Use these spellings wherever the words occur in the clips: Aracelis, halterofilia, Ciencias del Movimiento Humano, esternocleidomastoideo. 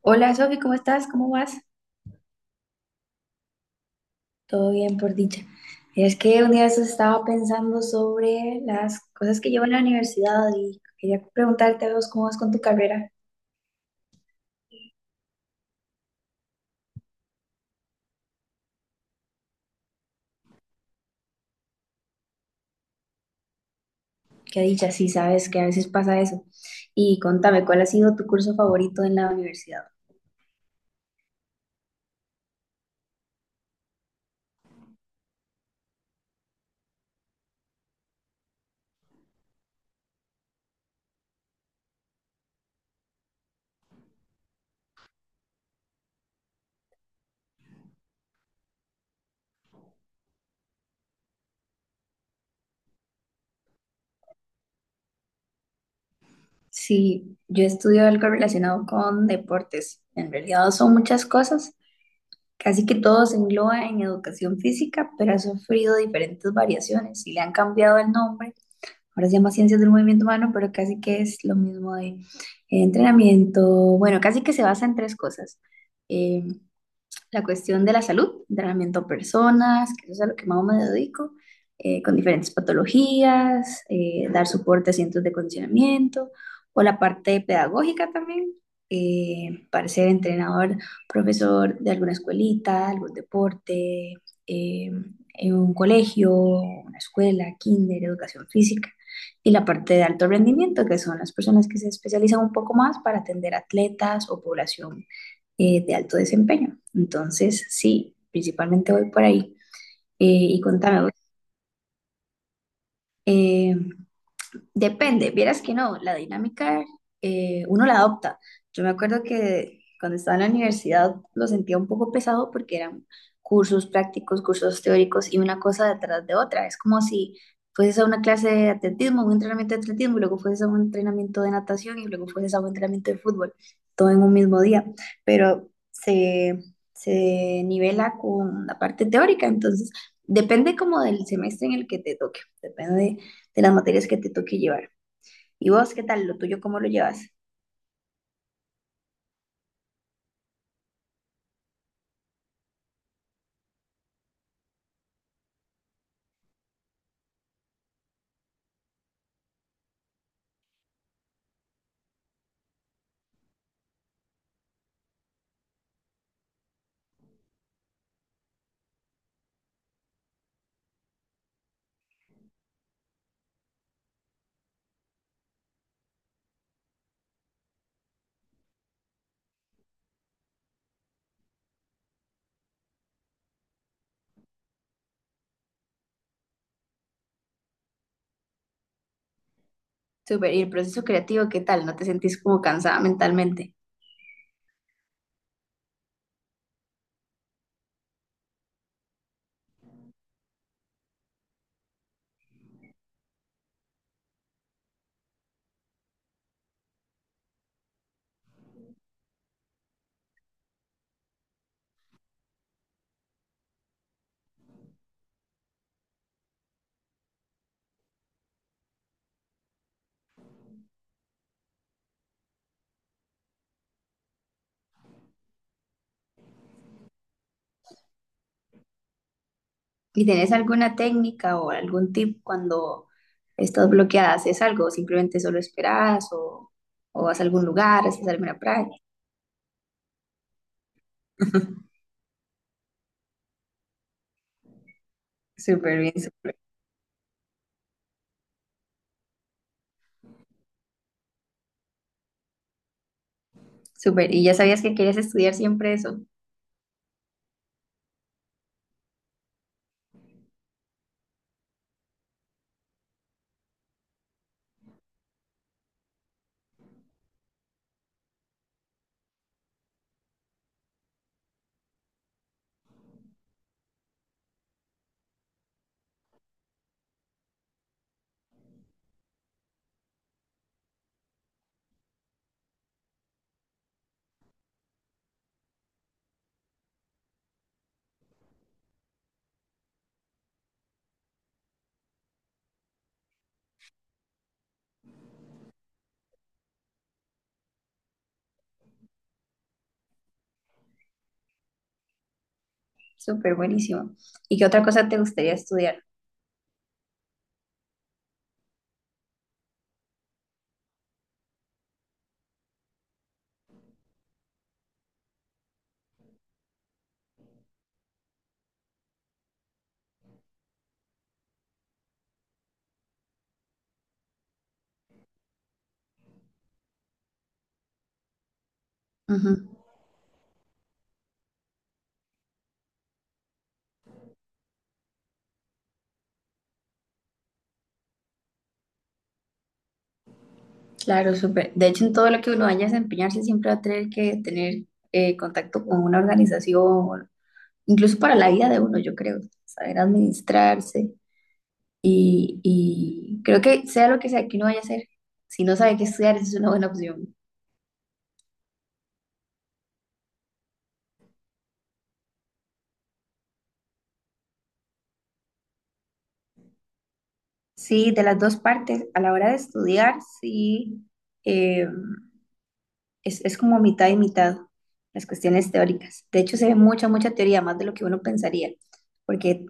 Hola Sofi, ¿cómo estás? ¿Cómo vas? Todo bien, por dicha. Es que un día de estos estaba pensando sobre las cosas que llevo en la universidad y quería preguntarte a vos cómo vas con tu carrera. Qué dicha, sí, sabes que a veces pasa eso. Y contame, ¿cuál ha sido tu curso favorito en la universidad? Sí, yo estudio algo relacionado con deportes. En realidad son muchas cosas. Casi que todo se engloba en educación física, pero ha sufrido diferentes variaciones y le han cambiado el nombre, ahora se llama Ciencias del Movimiento Humano, pero casi que es lo mismo de entrenamiento, bueno, casi que se basa en tres cosas. Eh, la cuestión de la salud, entrenamiento a personas, que eso es a lo que más me dedico, con diferentes patologías, dar soporte a centros de condicionamiento o la parte pedagógica también, para ser entrenador, profesor de alguna escuelita, algún deporte, eh, en un colegio, una escuela, kinder, educación física. Y la parte de alto rendimiento, que son las personas que se especializan un poco más para atender atletas o población de alto desempeño. Entonces, sí, principalmente voy por ahí. Y contame, eh, depende, vieras que no, la dinámica uno la adopta. Yo me acuerdo que cuando estaba en la universidad lo sentía un poco pesado porque eran cursos prácticos, cursos teóricos y una cosa detrás de otra. Es como si fueses a una clase de atletismo, un entrenamiento de atletismo, y luego fueses a un entrenamiento de natación y luego fueses a un entrenamiento de fútbol, todo en un mismo día. Pero se nivela con la parte teórica, entonces depende como del semestre en el que te toque, depende de las materias que te toque llevar. ¿Y vos qué tal? ¿Lo tuyo cómo lo llevas? Súper, ¿y el proceso creativo qué tal? ¿No te sentís como cansada mentalmente? ¿Y tenés alguna técnica o algún tip cuando estás bloqueada? ¿Haces algo? ¿Simplemente solo esperas o, vas a algún lugar? ¿Haces alguna práctica? Súper bien, súper, súper. ¿Y ya sabías que querías estudiar siempre eso? Súper buenísimo. ¿Y qué otra cosa te gustaría estudiar? Ujú. Claro, súper. De hecho, en todo lo que uno vaya a desempeñarse siempre va a tener que tener contacto con una organización, incluso para la vida de uno, yo creo, saber administrarse y creo que sea lo que sea que uno vaya a hacer, si no sabe qué estudiar, esa es una buena opción. Sí, de las dos partes, a la hora de estudiar, sí, em, es como mitad y mitad las cuestiones teóricas. De hecho, se ve mucha teoría, más de lo que uno pensaría, porque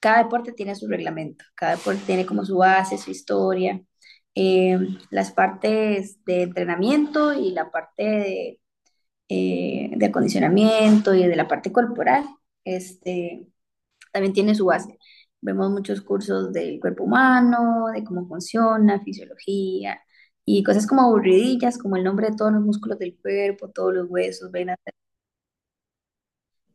cada deporte tiene su reglamento, cada deporte tiene como su base, su historia, eh, las partes de entrenamiento y la parte de acondicionamiento y de la parte corporal. Este, también tiene su base. Vemos muchos cursos del cuerpo humano, de cómo funciona, fisiología y cosas como aburridillas, como el nombre de todos los músculos del cuerpo, todos los huesos, venas.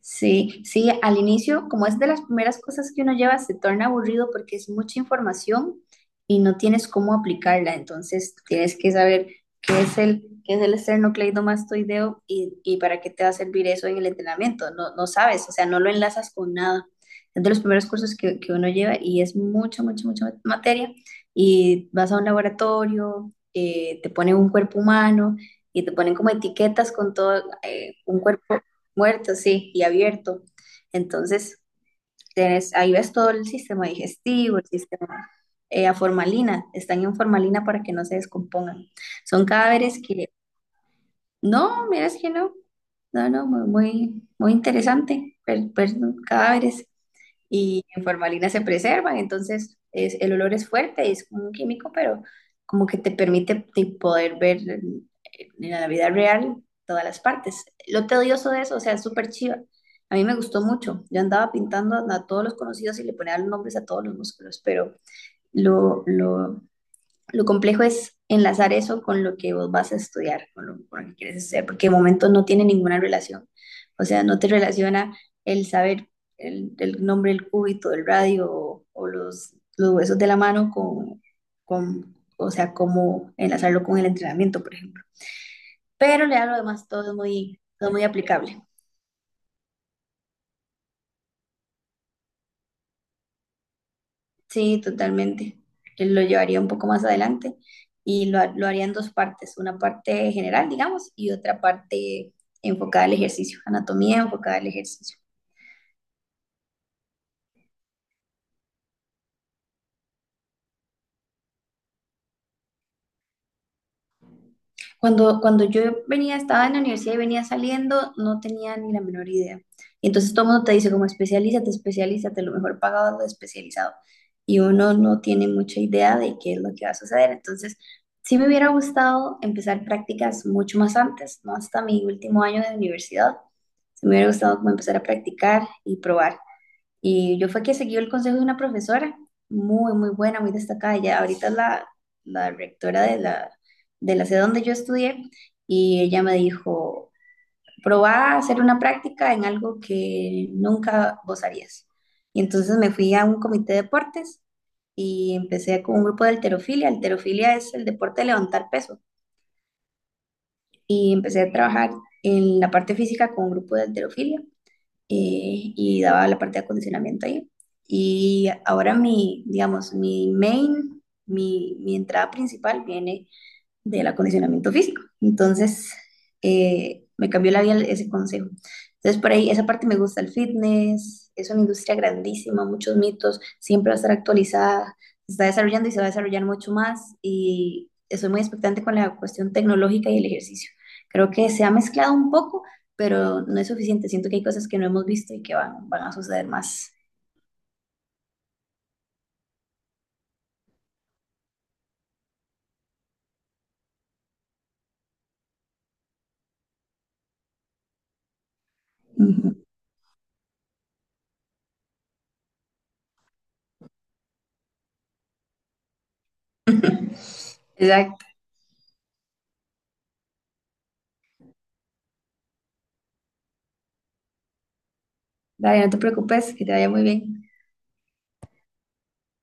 Sí, sí, al inicio, como es de las primeras cosas que uno lleva, se torna aburrido porque es mucha información y no tienes cómo aplicarla. Entonces, tienes que saber qué es el esternocleidomastoideo y para qué te va a servir eso en el entrenamiento. No, no sabes, o sea, no lo enlazas con nada. Es de los primeros cursos que uno lleva y es mucha materia. Y vas a un laboratorio, te ponen un cuerpo humano y te ponen como etiquetas con todo, un cuerpo muerto, sí, y abierto. Entonces, tenés, ahí ves todo el sistema digestivo, el sistema, a formalina, están en formalina para que no se descompongan. Son cadáveres que no, miras que no. No, no, muy, muy, muy interesante. Cadáveres y en formalina se preservan, entonces es, el olor es fuerte, es como un químico, pero como que te permite poder ver en la vida real todas las partes. Lo tedioso de eso, o sea, es súper chiva. A mí me gustó mucho. Yo andaba pintando a todos los conocidos y le ponía los nombres a todos los músculos, pero lo, lo lo complejo es enlazar eso con lo que vos vas a estudiar, con con lo que quieres hacer, porque de momento no tiene ninguna relación. O sea, no te relaciona el saber el nombre del cúbito, del radio o, los huesos de la mano con, o sea, cómo enlazarlo con el entrenamiento, por ejemplo. Pero ya lo demás todo es muy aplicable. Sí, totalmente. Yo lo llevaría un poco más adelante y lo haría en dos partes, una parte general, digamos, y otra parte enfocada al ejercicio, anatomía enfocada al ejercicio. Cuando yo venía, estaba en la universidad y venía saliendo, no tenía ni la menor idea. Y entonces todo el mundo te dice como especialízate, especialízate, lo mejor pagado es lo especializado. Y uno no tiene mucha idea de qué es lo que va a suceder. Entonces, sí me hubiera gustado empezar prácticas mucho más antes, no hasta mi último año de universidad. Se me hubiera gustado como empezar a practicar y probar. Y yo fue que seguí el consejo de una profesora muy, muy buena, muy destacada. Ella ahorita es la rectora de de la sede donde yo estudié y ella me dijo, probá a hacer una práctica en algo que nunca vos harías. Y entonces me fui a un comité de deportes y empecé con un grupo de halterofilia. Halterofilia es el deporte de levantar peso. Y empecé a trabajar en la parte física con un grupo de halterofilia, y daba la parte de acondicionamiento ahí. Y ahora mi, digamos, mi main, mi entrada principal viene del acondicionamiento físico. Entonces, me cambió la vida ese consejo. Entonces, por ahí, esa parte me gusta el fitness, es una industria grandísima, muchos mitos, siempre va a estar actualizada, se está desarrollando y se va a desarrollar mucho más y estoy muy expectante con la cuestión tecnológica y el ejercicio. Creo que se ha mezclado un poco, pero no es suficiente. Siento que hay cosas que no hemos visto y que van a suceder más. Ujú. Exacto. Dale, no te preocupes, que te vaya muy bien.